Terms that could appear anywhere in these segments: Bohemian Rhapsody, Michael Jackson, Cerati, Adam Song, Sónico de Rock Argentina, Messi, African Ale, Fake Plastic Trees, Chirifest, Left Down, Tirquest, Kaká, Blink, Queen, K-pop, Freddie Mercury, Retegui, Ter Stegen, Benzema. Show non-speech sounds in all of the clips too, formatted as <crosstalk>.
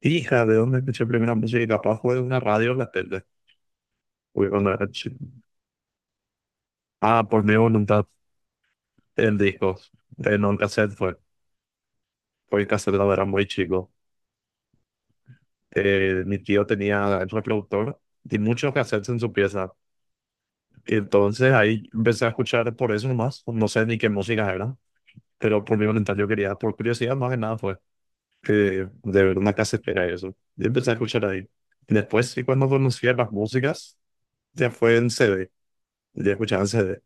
Hija, ¿de dónde escuché primera música? Y capaz fue de una radio o la tele. Porque cuando era chico. Ah, por mi voluntad, el disco. En un cassette fue. Porque el cassette la verdad muy chico. Mi tío tenía el reproductor y muchos cassettes en su pieza. Y entonces ahí empecé a escuchar por eso nomás. No sé ni qué música era. Pero por mi voluntad yo quería, por curiosidad más que nada fue. Que de ver una casetera y eso. Y empecé a escuchar ahí. Después, sí, cuando conocía las músicas, ya fue en c d. Ya escuchaba en C d.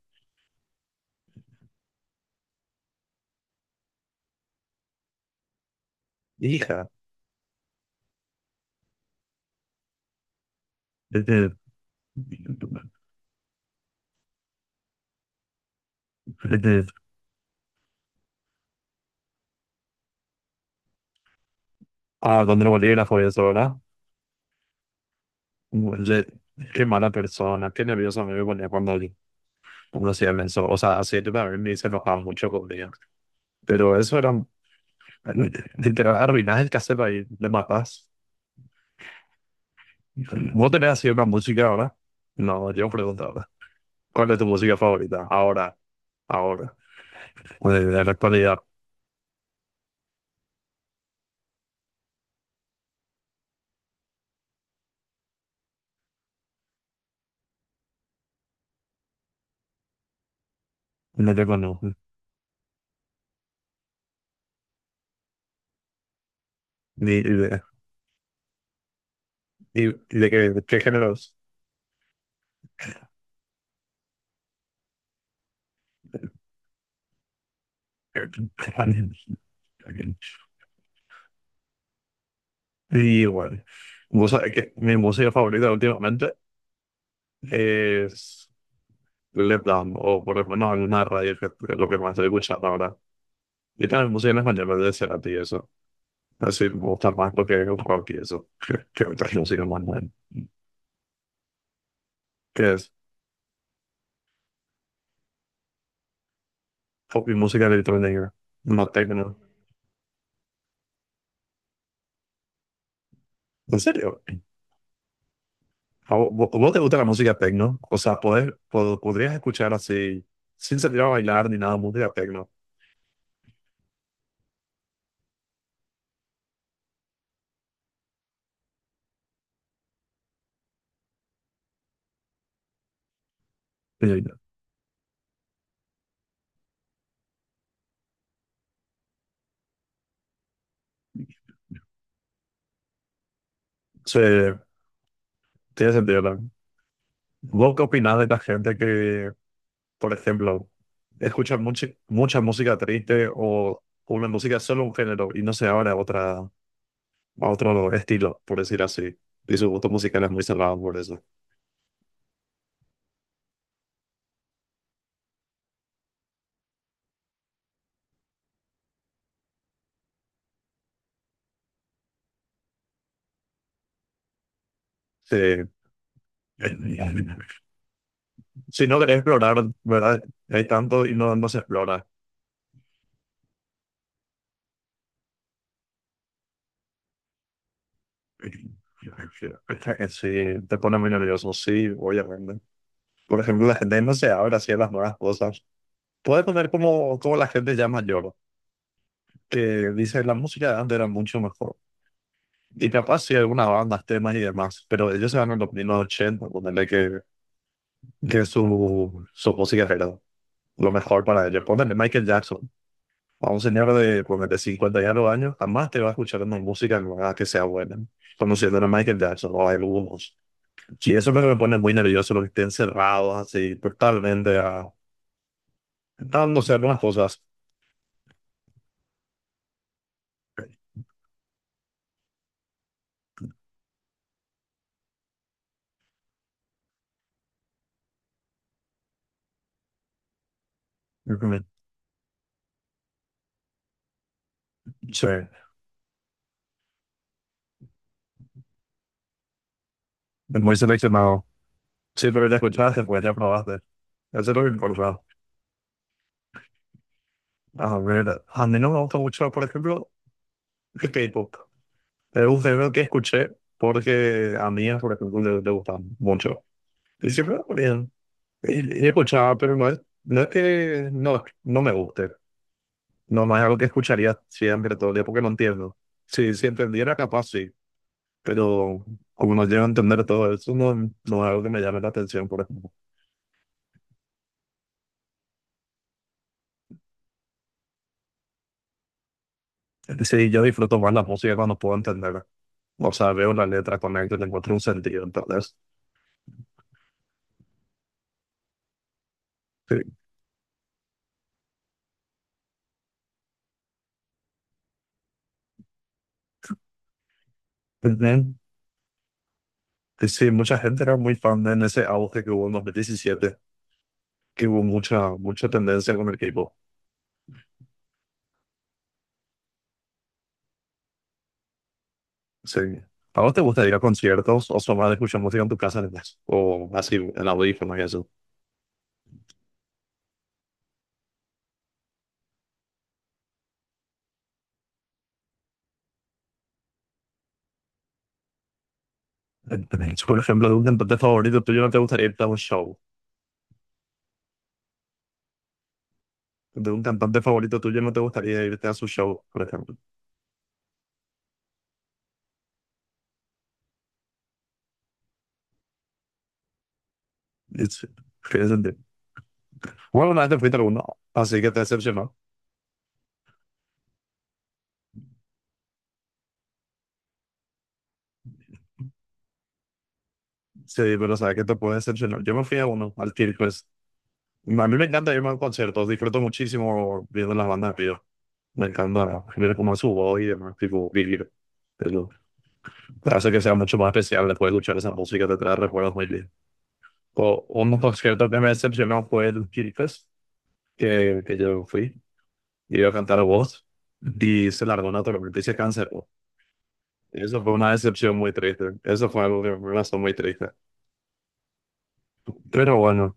Hija, desde, desde- a donde el volví la eso, sola. Le- qué mala persona, qué nervioso me ponía cuando uno hacía eso. O sea, así yo también me se enojaba mucho conmigo. Pero eso era, literal, arruinás el cassette ahí, le matás. ¿Vos tenés así una música ahora? No, yo preguntaba, ¿cuál es tu música favorita? Ahora, ahora, o de la actualidad, no te conozco. Ni- de, ni- de qué, qué géneros. Sí, igual. Vos sabés que mi música favorita últimamente es Left Down, o por ejemplo no alguna radio, que es lo que más estoy escuchando ahora. Y también música en español de Cerati y eso. Así me gusta más porque es el rock y eso, que otras músicas más buenas. Que es pop y música electrónica, no techno. En serio, ¿a vos, te gusta la música techno? O sea, poder, podrías escuchar así, sin salir a bailar ni nada, música techno. Sí, sí, tiene sentido también. ¿Vos qué opinás de la gente que, por ejemplo, escucha mucha, mucha música triste o una música solo un género y no se abre a otra, a otro estilo, por decir así? Y su gusto musical es muy cerrado por eso. Sí. <laughs> Si no querés explorar, ¿verdad? Hay tanto y no, no se explora. Sí, te pone muy nervioso, sí, obviamente. Por ejemplo, la gente no se abre así a las nuevas cosas. Puede poner como, como la gente ya mayor, que dice la música de antes era mucho mejor. Y capaz sí, algunas bandas, temas y demás, pero ellos se van en los primeros 80, ponerle que su música era lo mejor para ellos. Ponerle Michael Jackson, a un señor de, pues, de 50 y algo años, jamás te va a escuchar una música nueva que sea buena. Conociendo a Michael Jackson o a algunos. Y eso es lo que me pone muy nervioso, lo que estén cerrados así, totalmente a dándose algunas cosas. <clears throat> Ujú. Sí, es muy seleccionado. Sí, pero ya escuchaste, pues ya probaste. Eso es lo que importa. A ver, a mí no me gusta mucho, por ejemplo, el K-pop. Es un género que escuché porque a mí, por ejemplo, le gusta mucho. Y siempre bien. He he escuchado, pero no es, no es que no, no me guste. No, no es algo que escucharía siempre todo el día porque no entiendo. Si, si entendiera, capaz sí. Pero como no llego a entender todo eso, no, no es algo que me llame la atención, por ejemplo. Es decir, yo disfruto más la música cuando puedo entenderla. O sea, veo la letra, conecto le encuentro un sentido. Entonces, sí. También, y sí, mucha gente era muy fan de en ese auge que hubo en 2017, que hubo mucha, mucha tendencia con el K-pop. Sí. ¿A vos te gusta ir a conciertos o son más de escuchar música en tu casa nomás? O así en audífonos y eso. Entendés. Por ejemplo, de un cantante favorito tuyo no te gustaría irte a un show. De un cantante favorito tuyo no te gustaría irte a su show, por ejemplo. Es- tiene sentido. Bueno, una vez te fuiste a uno, así que te decepcionó. Sí, pero sabes que te puede decepcionar. Yo me fui a uno, al Tirquest. A mí me encanta irme a conciertos, disfruto muchísimo viendo las bandas de pío. Me encanta ver cómo es su voz y demás, tipo, vivir. Hace que sea mucho más especial después de escuchar esa música, te trae recuerdos muy bien. O, uno de los conciertos que me decepcionó fue el Chirifest, que yo fui, y iba a cantar voz, y se largó una tormenta y se canceló. Eso fue una decepción muy triste, eso fue algo que me pasó muy triste. Pero bueno,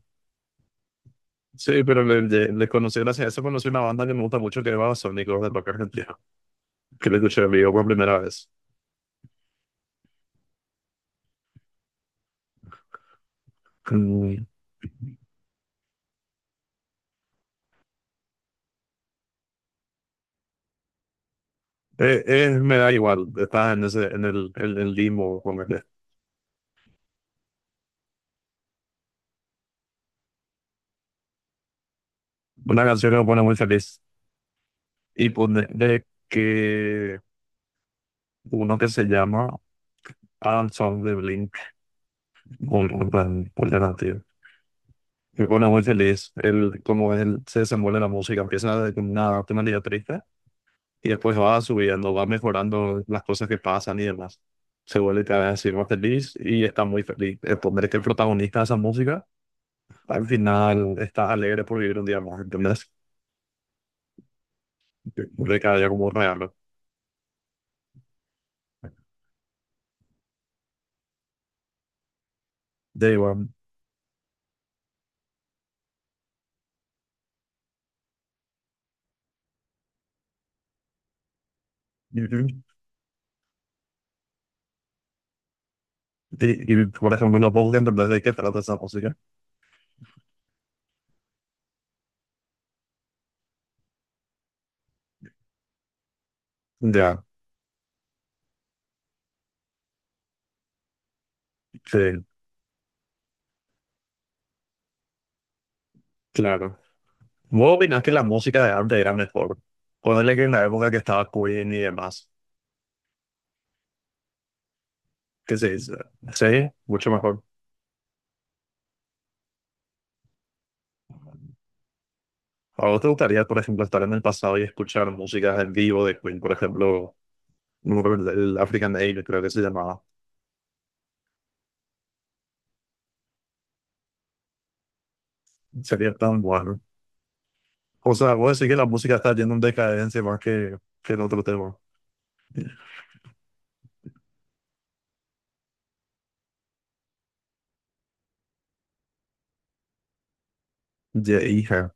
sí, pero le, le conocí gracias a eso, conocí una banda que me gusta mucho que va a Sónico de Rock Argentina, que le escuché en vivo por primera vez. Mm, me da igual, estás en, ese, en el limbo, como que- Una canción que me pone muy feliz. Y ponerle que uno que se llama Adam Song de Blink, un plan alternativo. Me pone muy feliz el, cómo él se desenvuelve la música. Empieza con una temática triste y después va subiendo, va mejorando las cosas que pasan y demás. Se vuelve cada vez así más feliz y está muy feliz. El poner que el protagonista de esa música al final está alegre por vivir un día más, ¿entendés? De cada día como un regalo. De igual. Y, y, por ejemplo, no puedo entender de qué trata esa música. Ya, sí, claro. ¿Vos opinás que la música de antes era mejor? Ponele que en la época que estaba Queen y demás. ¿Qué se dice? Sí, mucho mejor. ¿A vos te gustaría, por ejemplo, estar en el pasado y escuchar música en vivo de Queen? Por ejemplo, no me acuerdo, el African Ale, creo que se llamaba. Sería tan bueno. O sea, vos decís que la música está yendo en decadencia más que en otro tema. Ya, hija.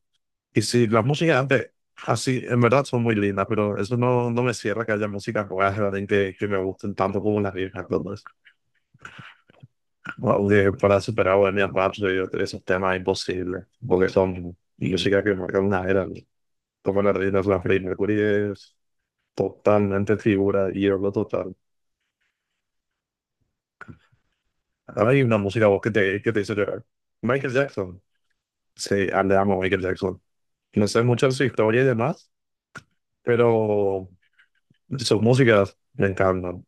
Y sí, las músicas antes, así, en verdad son muy lindas, pero eso no, no me cierra que haya músicas nuevas realmente que me gusten tanto como las viejas. Entonces, bueno, de- para superar Bohemian Rhapsody, esos temas imposibles, porque son músicas que marcan una era. ¿No? Como la reina de la Freddie Mercury es totalmente figura y lo total. Ahora hay una música vos que te dice llorar. Michael Jackson. Sí, ah, le amo a Michael Jackson. No sé mucho de su historia y demás, pero sus músicas me encantan.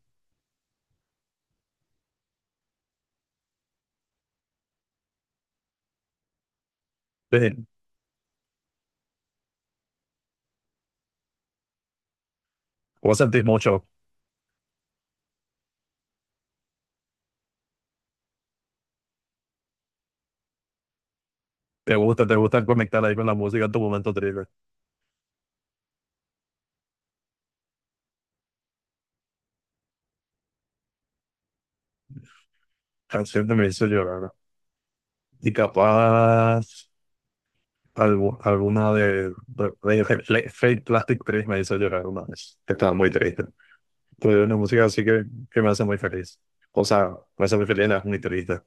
Sí. Vos sentís mucho, te gusta conectar ahí con la música en tu momento triste. Canción que me hizo llorar. ¿No? Y capaz, algu- alguna de, de- Fake Plastic Trees me hizo llorar una vez. Estaba muy triste. Pero es una música así que me hace muy feliz. O sea, me hace muy feliz, no es muy triste.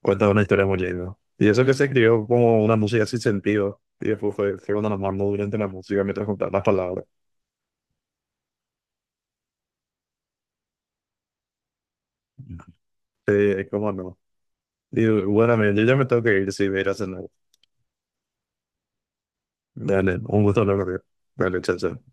Cuenta una historia muy linda. Y eso que se escribió como una música sin sentido. Y después fue, fue cuando nos mandó durante la música mientras juntaban las palabras. Sí, cómo no. Y bueno, yo ya me tengo que ir si voy a ir a cenar. Dale, un gusto hablar contigo. Dale, chao, chao.